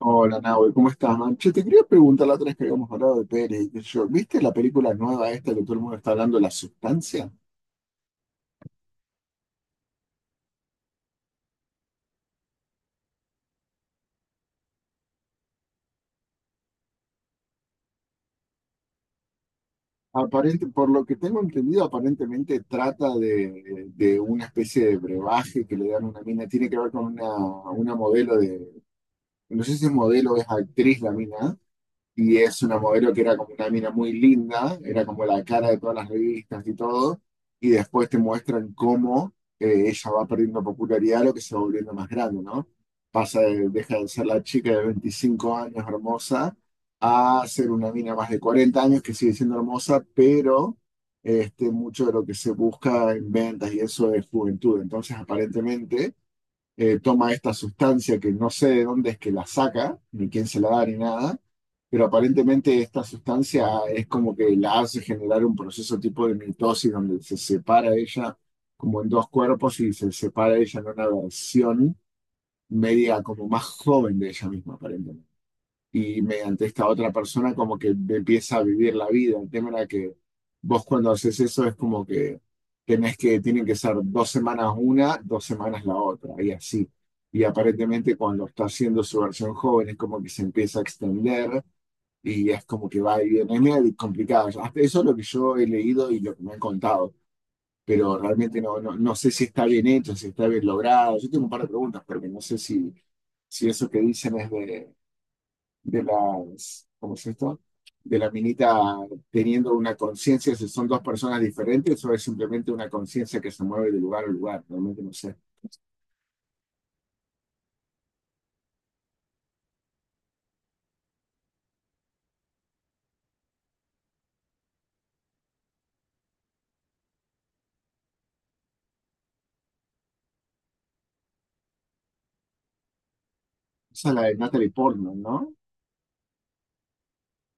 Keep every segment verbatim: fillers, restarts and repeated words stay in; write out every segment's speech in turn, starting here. Hola, Nahue, ¿cómo estás, man? Che, te quería preguntar la otra vez que habíamos hablado de Pérez, y qué sé yo. ¿Viste la película nueva esta que todo el mundo está hablando, La Sustancia? Aparente, por lo que tengo entendido, aparentemente trata de, de una especie de brebaje que le dan a una mina. Tiene que ver con una, una modelo de, no sé si es modelo o es actriz la mina, y es una modelo que era como una mina muy linda, era como la cara de todas las revistas y todo, y después te muestran cómo eh, ella va perdiendo popularidad, lo que se va volviendo más grande, ¿no? Pasa de, deja de ser la chica de veinticinco años hermosa a ser una mina más de cuarenta años que sigue siendo hermosa, pero este, mucho de lo que se busca en ventas y eso es juventud. Entonces, aparentemente eh, toma esta sustancia que no sé de dónde es que la saca, ni quién se la da, ni nada, pero aparentemente esta sustancia es como que la hace generar un proceso tipo de mitosis donde se separa ella como en dos cuerpos y se separa ella en una versión media como más joven de ella misma, aparentemente, y mediante esta otra persona como que empieza a vivir la vida. El tema era que vos cuando haces eso es como que tenés que, tienen que ser dos semanas una, dos semanas la otra, y así. Y aparentemente cuando está haciendo su versión joven es como que se empieza a extender y es como que va y viene. Es medio complicado. Hasta eso es lo que yo he leído y lo que me han contado. Pero realmente no, no, no sé si está bien hecho, si está bien logrado. Yo tengo un par de preguntas, porque no sé si, si eso que dicen es de, de, las, ¿cómo es esto? De la minita teniendo una conciencia, si son dos personas diferentes o es simplemente una conciencia que se mueve de lugar a lugar, realmente no sé. Esa es la de Natalie Portman, ¿no?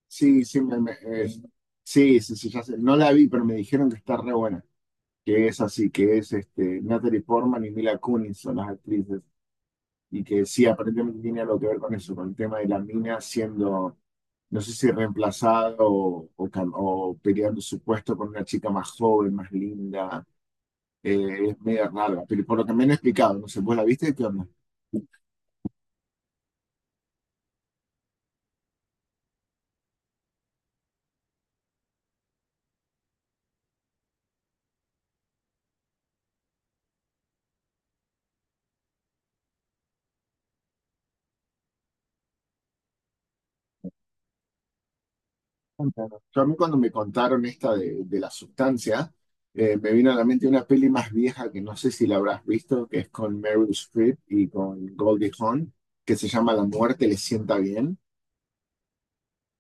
Sí, sí, me- me- es- sí, sí, sí, ya sé. No la vi, pero me dijeron que está re buena, que es así, que es este, Natalie Portman y Mila Kunis son las actrices y que sí, aparentemente tiene algo que ver con eso, con el tema de la mina siendo no sé si reemplazado o, o cam- o peleando su puesto con una chica más joven, más linda. Eh, es media rara, pero por lo que me han explicado, no sé, ¿vos la viste? ¿Qué onda? Claro. Yo a mí cuando me contaron esta de, de la sustancia, eh, me vino a la mente una peli más vieja que no sé si la habrás visto, que es con Meryl Streep y con Goldie Hawn, que se llama La muerte le sienta bien,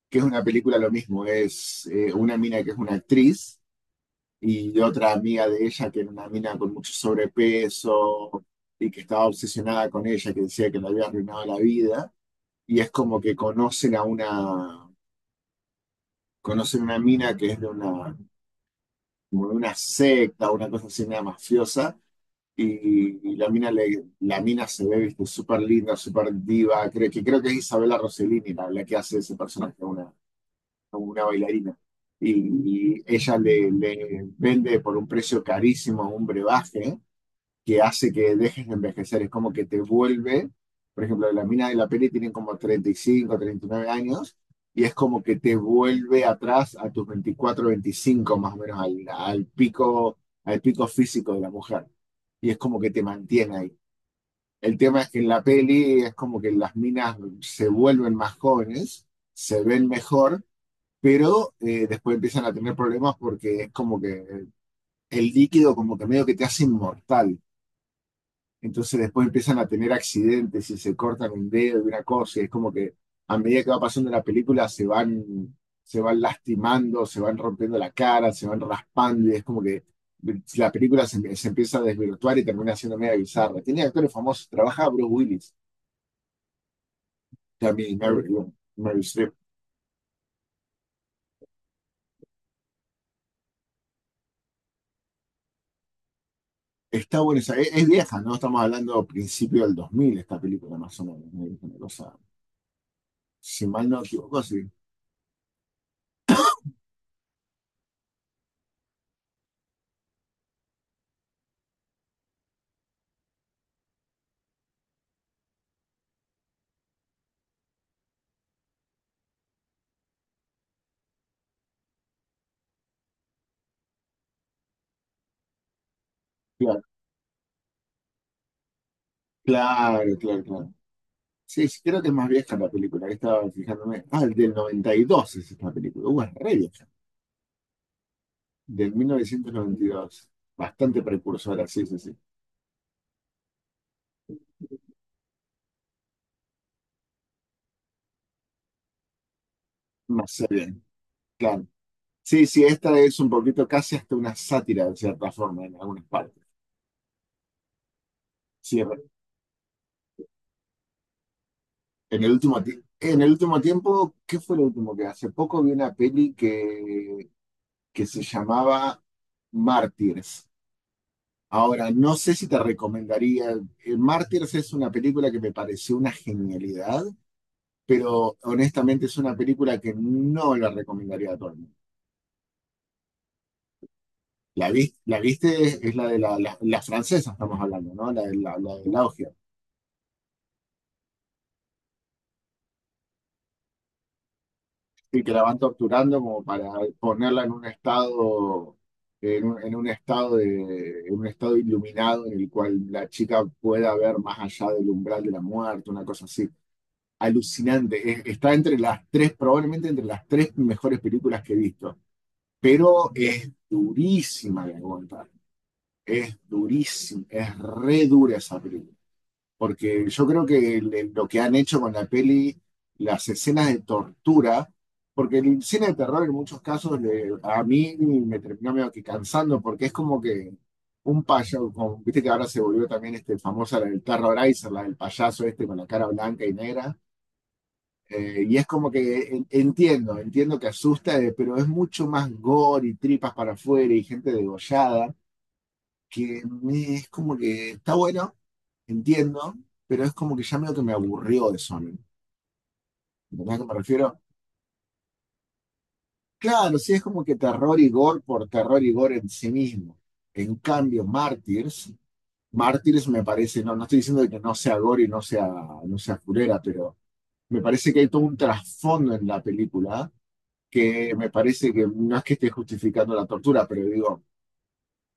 que es una película lo mismo, es eh, una mina que es una actriz y otra amiga de ella que era una mina con mucho sobrepeso y que estaba obsesionada con ella, que decía que le había arruinado la vida. Y es como que conocen a una, conocen una mina que es de una, como de una secta, una cosa así, una mafiosa. Y, y la mina, le, la mina se ve, viste, súper linda, súper diva. Creo que, creo que es Isabela Rossellini la, la que hace ese personaje, una, una bailarina y, y ella le, le vende por un precio carísimo un brebaje que hace que dejes de envejecer, es como que te vuelve, por ejemplo, las minas de la peli tienen como treinta, treinta y cinco, treinta y nueve años, y es como que te vuelve atrás a tus veinticuatro, veinticinco, más o menos, al, al pico, al pico físico de la mujer, y es como que te mantiene ahí. El tema es que en la peli es como que las minas se vuelven más jóvenes, se ven mejor, pero eh, después empiezan a tener problemas porque es como que el líquido como que medio que te hace inmortal. Entonces después empiezan a tener accidentes y se cortan un dedo y una cosa, y es como que a medida que va pasando la película se van, se van lastimando, se van rompiendo la cara, se van raspando, y es como que la película se, se empieza a desvirtuar y termina siendo media bizarra. Tiene actores famosos, trabaja Bruce Willis también, y Meryl, Meryl Streep. Está buena esa, es, es vieja, ¿no? Estamos hablando principio del dos mil esta película, más o menos, ¿no? Es una cosa, si mal no me equivoco, sí. Claro, claro, claro, claro. Sí, sí, creo que es más vieja la película, que estaba fijándome. Ah, del noventa y dos es esta película. Uh, es re vieja. Del mil novecientos noventa y dos. Bastante precursora, sí, sí, sí. No sé bien, claro. Sí, sí, esta es un poquito casi hasta una sátira, de cierta forma, en algunas partes. Sí, re- en el último, ti- en el último tiempo, ¿qué fue lo último? Que hace poco vi una peli que, que se llamaba Mártires. Ahora, no sé si te recomendaría. eh, Mártires es una película que me pareció una genialidad, pero honestamente es una película que no la recomendaría a todo el mundo. La, vi- la viste, es, es la de la, la, la francesa, estamos hablando, ¿no? La, de la, la de Laugia, y que la van torturando como para ponerla en un estado, en un, en un estado de, en un estado iluminado en el cual la chica pueda ver más allá del umbral de la muerte, una cosa así. Alucinante. Es- está entre las tres, probablemente entre las tres mejores películas que he visto, pero es durísima de aguantar. Es durísimo, es re dura esa película. Porque yo creo que le- lo que han hecho con la peli, las escenas de tortura, porque el cine de terror en muchos casos le- a mí me terminó medio que cansando, porque es como que un payaso, como, viste que ahora se volvió también este famosa la del Terrorizer, la del payaso este con la cara blanca y negra. Eh, y es como que en- entiendo, entiendo que asusta, eh, pero es mucho más gore y tripas para afuera y gente degollada que me- es como que está bueno, entiendo, pero es como que ya medio que me aburrió de Sonic. ¿Entendés a qué me refiero? Claro, sí, es como que terror y gore por terror y gore en sí mismo. En cambio, Martyrs, Martyrs me parece, no, no estoy diciendo que no sea gore y no sea, no sea furera, pero me parece que hay todo un trasfondo en la película, que me parece que no es que esté justificando la tortura, pero digo,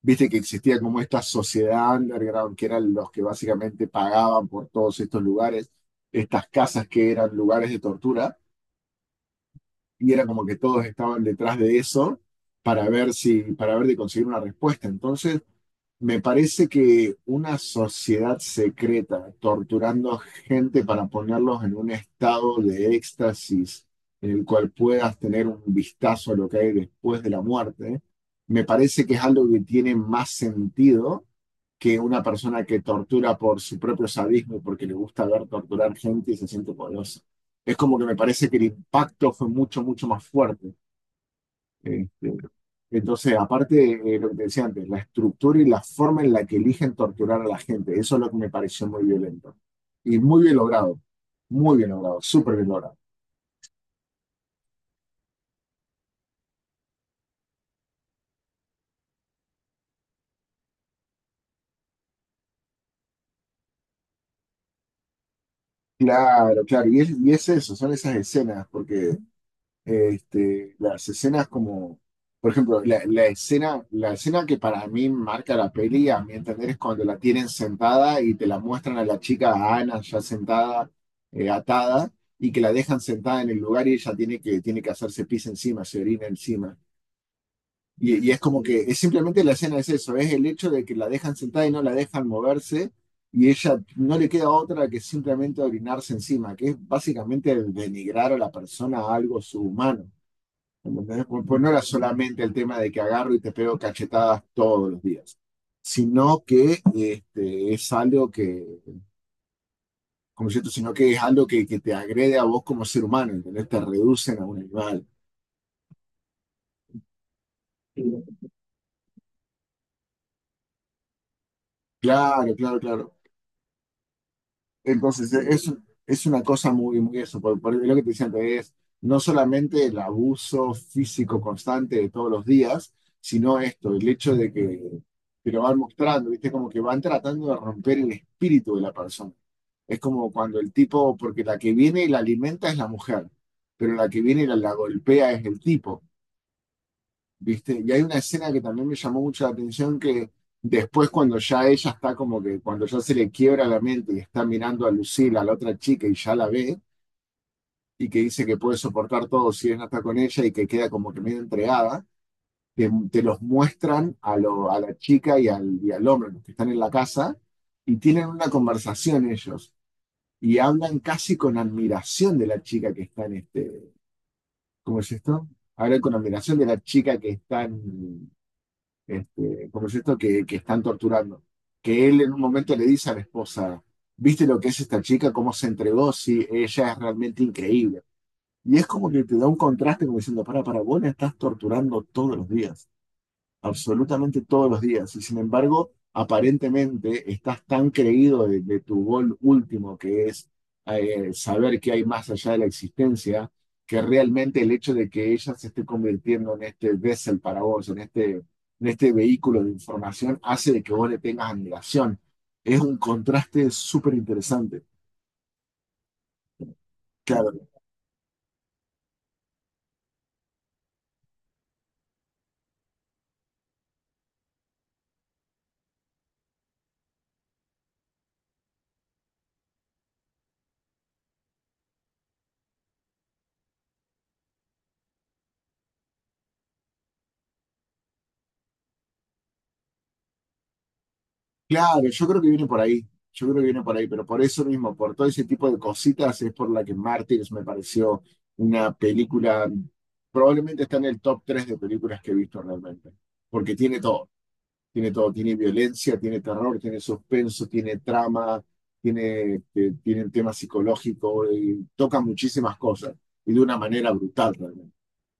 viste que existía como esta sociedad underground, que eran los que básicamente pagaban por todos estos lugares, estas casas que eran lugares de tortura, y era como que todos estaban detrás de eso para ver si, para ver de conseguir una respuesta. Entonces, me parece que una sociedad secreta torturando gente para ponerlos en un estado de éxtasis en el cual puedas tener un vistazo a lo que hay después de la muerte, me parece que es algo que tiene más sentido que una persona que tortura por su propio sadismo y porque le gusta ver torturar gente y se siente poderosa. Es como que me parece que el impacto fue mucho, mucho más fuerte. Este, entonces, aparte de lo que te decía antes, la estructura y la forma en la que eligen torturar a la gente, eso es lo que me pareció muy violento. Y muy bien logrado, muy bien logrado, súper bien logrado. Claro, claro, y es, y es eso, son esas escenas, porque este, las escenas como, por ejemplo, la, la escena, la escena que para mí marca la peli, a mi entender, es cuando la tienen sentada y te la muestran a la chica, a Ana, ya sentada, eh, atada, y que la dejan sentada en el lugar y ella tiene que, tiene que hacerse pis encima, se orina encima. Y, y es como que es simplemente la escena es eso, es el hecho de que la dejan sentada y no la dejan moverse, y ella no le queda otra que simplemente orinarse encima, que es básicamente el denigrar a la persona, a algo subhumano. ¿Entendés? Pues no era solamente el tema de que agarro y te pego cachetadas todos los días, sino que este, es algo que, como cierto, sino que es algo que, que te agrede a vos como ser humano, ¿entendés? Te reducen a un animal. Claro, claro, claro. Entonces, e- es, es una cosa muy, muy eso. Por, por lo que te decía antes, es no solamente el abuso físico constante de todos los días, sino esto, el hecho de que te lo van mostrando, ¿viste? Como que van tratando de romper el espíritu de la persona. Es como cuando el tipo, porque la que viene y la alimenta es la mujer, pero la que viene y la, la golpea es el tipo. ¿Viste? Y hay una escena que también me llamó mucho la atención que después cuando ya ella está como que, cuando ya se le quiebra la mente y está mirando a Lucila, a la otra chica, y ya la ve, y que dice que puede soportar todo si ella está con ella y que queda como que medio entregada, te, te los muestran a, lo- a la chica y al, y al hombre, los que están en la casa, y tienen una conversación ellos. Y hablan casi con admiración de la chica que está en este, ¿cómo es esto? Hablan con admiración de la chica que está en, este, ¿cómo es esto? Que, que están torturando. Que él en un momento le dice a la esposa, ¿viste lo que es esta chica? ¿Cómo se entregó? Sí, ella es realmente increíble. Y es como que te da un contraste como diciendo, para, para, vos la estás torturando todos los días, absolutamente todos los días. Y sin embargo, aparentemente estás tan creído de, de, tu gol último, que es eh, saber que hay más allá de la existencia, que realmente el hecho de que ella se esté convirtiendo en este vessel para vos, en este, en este vehículo de información, hace de que vos le tengas admiración. Es un contraste súper interesante. Claro, claro, yo creo que viene por ahí, yo creo que viene por ahí, pero por eso mismo, por todo ese tipo de cositas, es por la que Mártires me pareció una película, probablemente está en el top tres de películas que he visto realmente, porque tiene todo, tiene todo, tiene violencia, tiene terror, tiene suspenso, tiene trama, tiene, este, tiene el tema psicológico, y toca muchísimas cosas, y de una manera brutal realmente.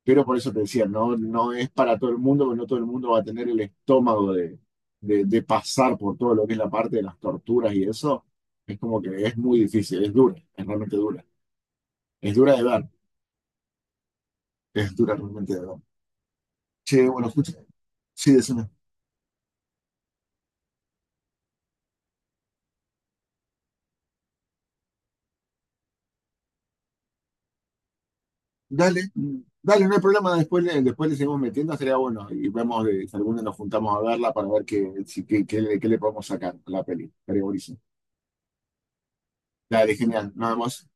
Pero por eso te decía, no, no es para todo el mundo, porque no todo el mundo va a tener el estómago de, de, de pasar por todo lo que es la parte de las torturas y eso. Es como que es muy difícil, es dura, es realmente dura. Es dura de ver, es dura realmente de ver. Che, bueno, escucha. Sí, decime. Dale, mm, dale, no hay problema, después le, después le seguimos metiendo, sería bueno. Y vemos de- si alguna nos juntamos a verla para ver qué, si- qué, qué le qué le podemos sacar a la peli. Estaría buenísimo. Dale, genial, nada más